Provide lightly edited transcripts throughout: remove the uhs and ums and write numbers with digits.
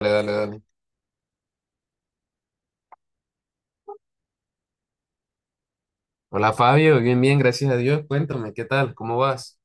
Dale, dale, dale. Hola Fabio, bien, bien, gracias a Dios. Cuéntame, ¿qué tal? ¿Cómo vas?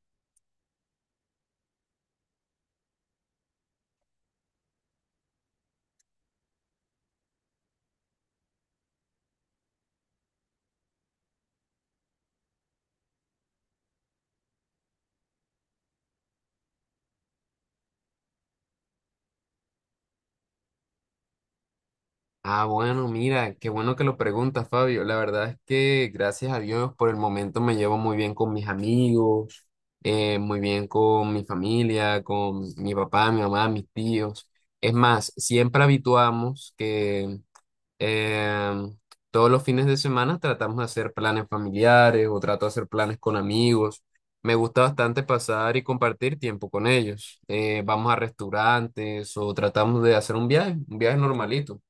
Ah, bueno, mira, qué bueno que lo preguntas, Fabio. La verdad es que gracias a Dios por el momento me llevo muy bien con mis amigos, muy bien con mi familia, con mi papá, mi mamá, mis tíos. Es más, siempre habituamos que Eh, todos los fines de semana tratamos de hacer planes familiares o trato de hacer planes con amigos. Me gusta bastante pasar y compartir tiempo con ellos. Vamos a restaurantes o tratamos de hacer un viaje normalito.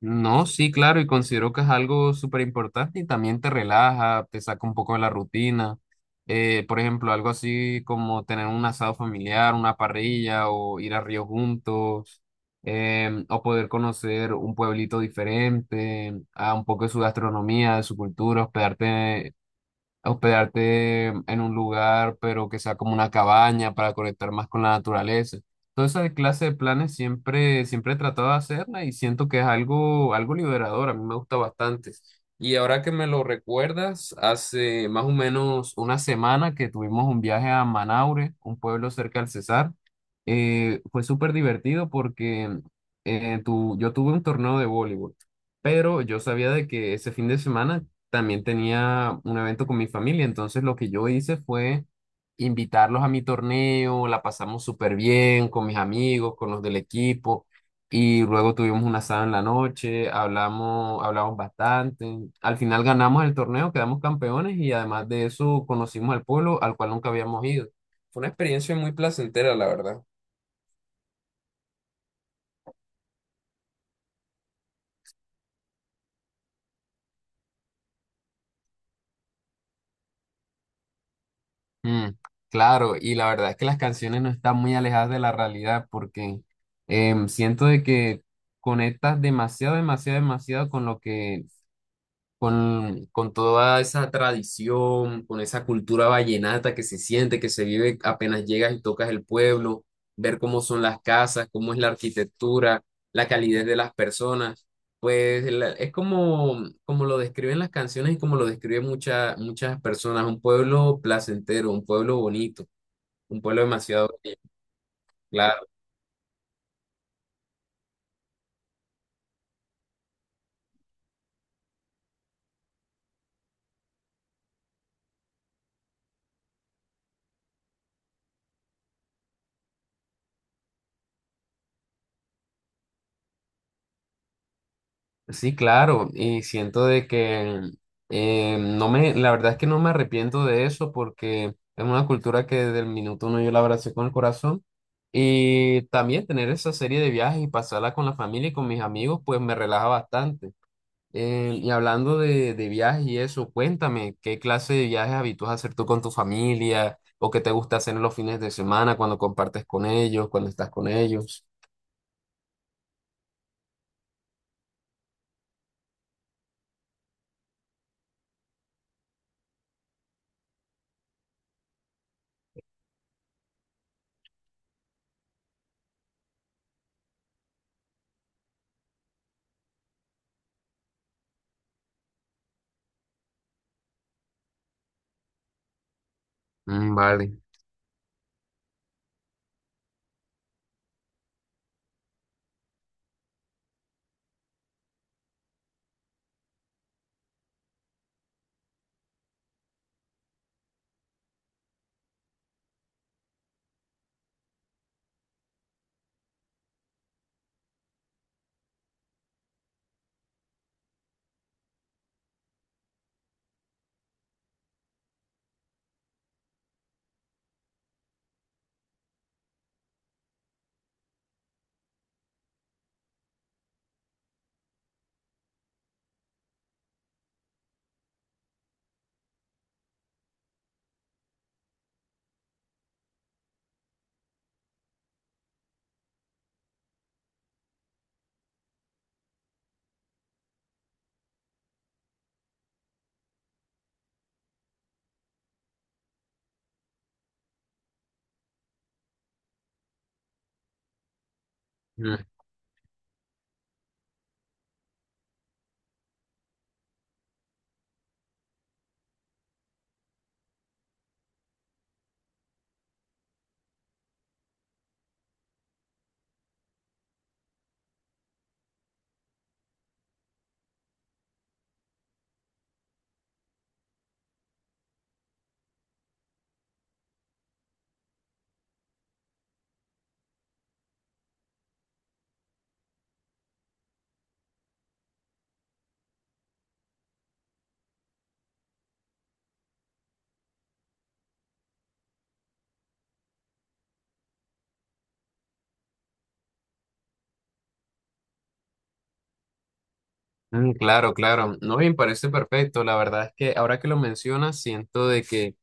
No, sí, claro, y considero que es algo súper importante y también te relaja, te saca un poco de la rutina. Por ejemplo, algo así como tener un asado familiar, una parrilla o ir a río juntos, o poder conocer un pueblito diferente, a un poco de su gastronomía, de su cultura, hospedarte en un lugar, pero que sea como una cabaña para conectar más con la naturaleza. Toda esa clase de planes siempre, siempre he tratado de hacerla y siento que es algo, algo liberador, a mí me gusta bastante. Y ahora que me lo recuerdas, hace más o menos una semana que tuvimos un viaje a Manaure, un pueblo cerca del Cesar. Fue súper divertido porque yo tuve un torneo de voleibol, pero yo sabía de que ese fin de semana también tenía un evento con mi familia, entonces lo que yo hice fue invitarlos a mi torneo. La pasamos súper bien con mis amigos, con los del equipo, y luego tuvimos un asado en la noche, hablamos, hablamos bastante, al final ganamos el torneo, quedamos campeones y además de eso conocimos al pueblo al cual nunca habíamos ido. Fue una experiencia muy placentera, la verdad. Mm, claro, y la verdad es que las canciones no están muy alejadas de la realidad porque siento de que conectas demasiado, demasiado, demasiado con lo que con toda esa tradición, con esa cultura vallenata que se siente, que se vive apenas llegas y tocas el pueblo, ver cómo son las casas, cómo es la arquitectura, la calidez de las personas. Pues es como, como lo describen las canciones y como lo describen muchas muchas personas, un pueblo placentero, un pueblo bonito, un pueblo demasiado. Sí, claro, y siento de que no me, la verdad es que no me arrepiento de eso porque es una cultura que desde el minuto uno yo la abracé con el corazón y también tener esa serie de viajes y pasarla con la familia y con mis amigos pues me relaja bastante. Y hablando de viajes y eso, cuéntame, ¿qué clase de viajes habitúas a hacer tú con tu familia o qué te gusta hacer en los fines de semana cuando compartes con ellos, cuando estás con ellos? Mm, vale. Mm, claro, claro. No, bien, parece perfecto. La verdad es que ahora que lo mencionas, siento de que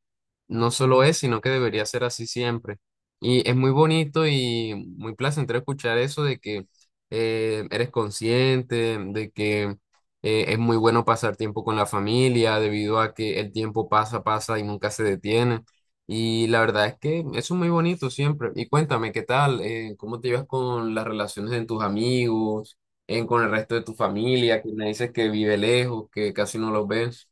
no solo es, sino que debería ser así siempre. Y es muy bonito y muy placentero escuchar eso de que eres consciente, de que es muy bueno pasar tiempo con la familia, debido a que el tiempo pasa, pasa y nunca se detiene. Y la verdad es que eso es muy bonito siempre. Y cuéntame, ¿qué tal? ¿Cómo te llevas con las relaciones de tus amigos, con el resto de tu familia, que me dices que vive lejos, que casi no los ves?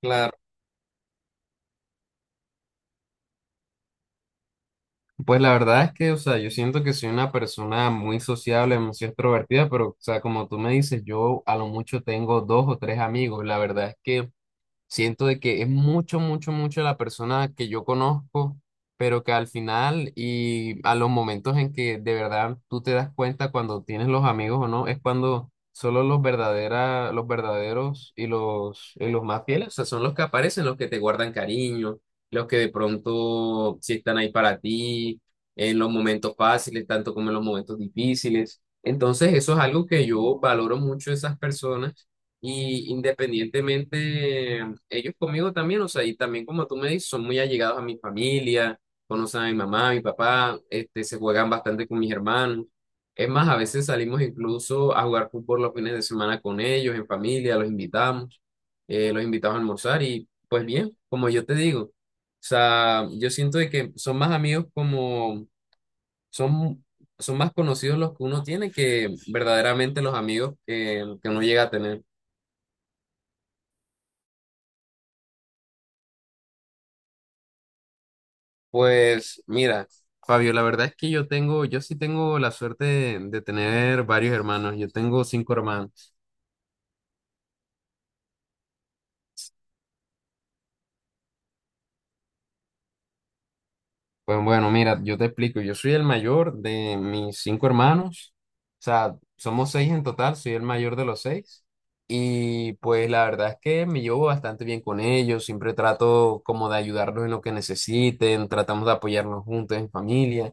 Claro. Pues la verdad es que, o sea, yo siento que soy una persona muy sociable, muy extrovertida, pero, o sea, como tú me dices, yo a lo mucho tengo dos o tres amigos. La verdad es que siento de que es mucho, mucho, mucho la persona que yo conozco, pero que al final y a los momentos en que de verdad tú te das cuenta cuando tienes los amigos o no, es cuando solo los verdaderos y los más fieles, o sea, son los que aparecen, los que te guardan cariño, los que de pronto sí están ahí para ti en los momentos fáciles, tanto como en los momentos difíciles. Entonces, eso es algo que yo valoro mucho de esas personas y independientemente, ellos conmigo también, o sea, y también como tú me dices, son muy allegados a mi familia, conocen a mi mamá, a mi papá, este, se juegan bastante con mis hermanos. Es más, a veces salimos incluso a jugar fútbol los fines de semana con ellos, en familia, los invitamos a almorzar y pues bien, como yo te digo, o sea, yo siento de que son más amigos como, son, son más conocidos los que uno tiene que verdaderamente los amigos que uno llega a tener. Pues mira, Fabio, la verdad es que yo sí tengo la suerte de tener varios hermanos. Yo tengo cinco hermanos. Pues bueno, mira, yo te explico. Yo soy el mayor de mis cinco hermanos. O sea, somos seis en total, soy el mayor de los seis. Y pues la verdad es que me llevo bastante bien con ellos. Siempre trato como de ayudarlos en lo que necesiten, tratamos de apoyarnos juntos en familia.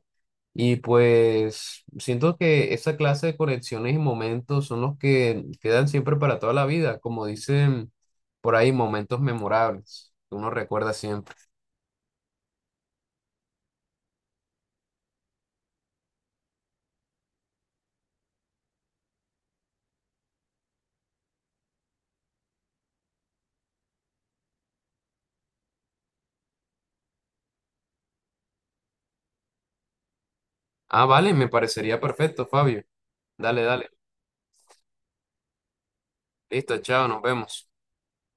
Y pues siento que esa clase de conexiones y momentos son los que quedan siempre para toda la vida, como dicen por ahí, momentos memorables que uno recuerda siempre. Ah, vale, me parecería perfecto, Fabio. Dale, dale. Listo, chao, nos vemos.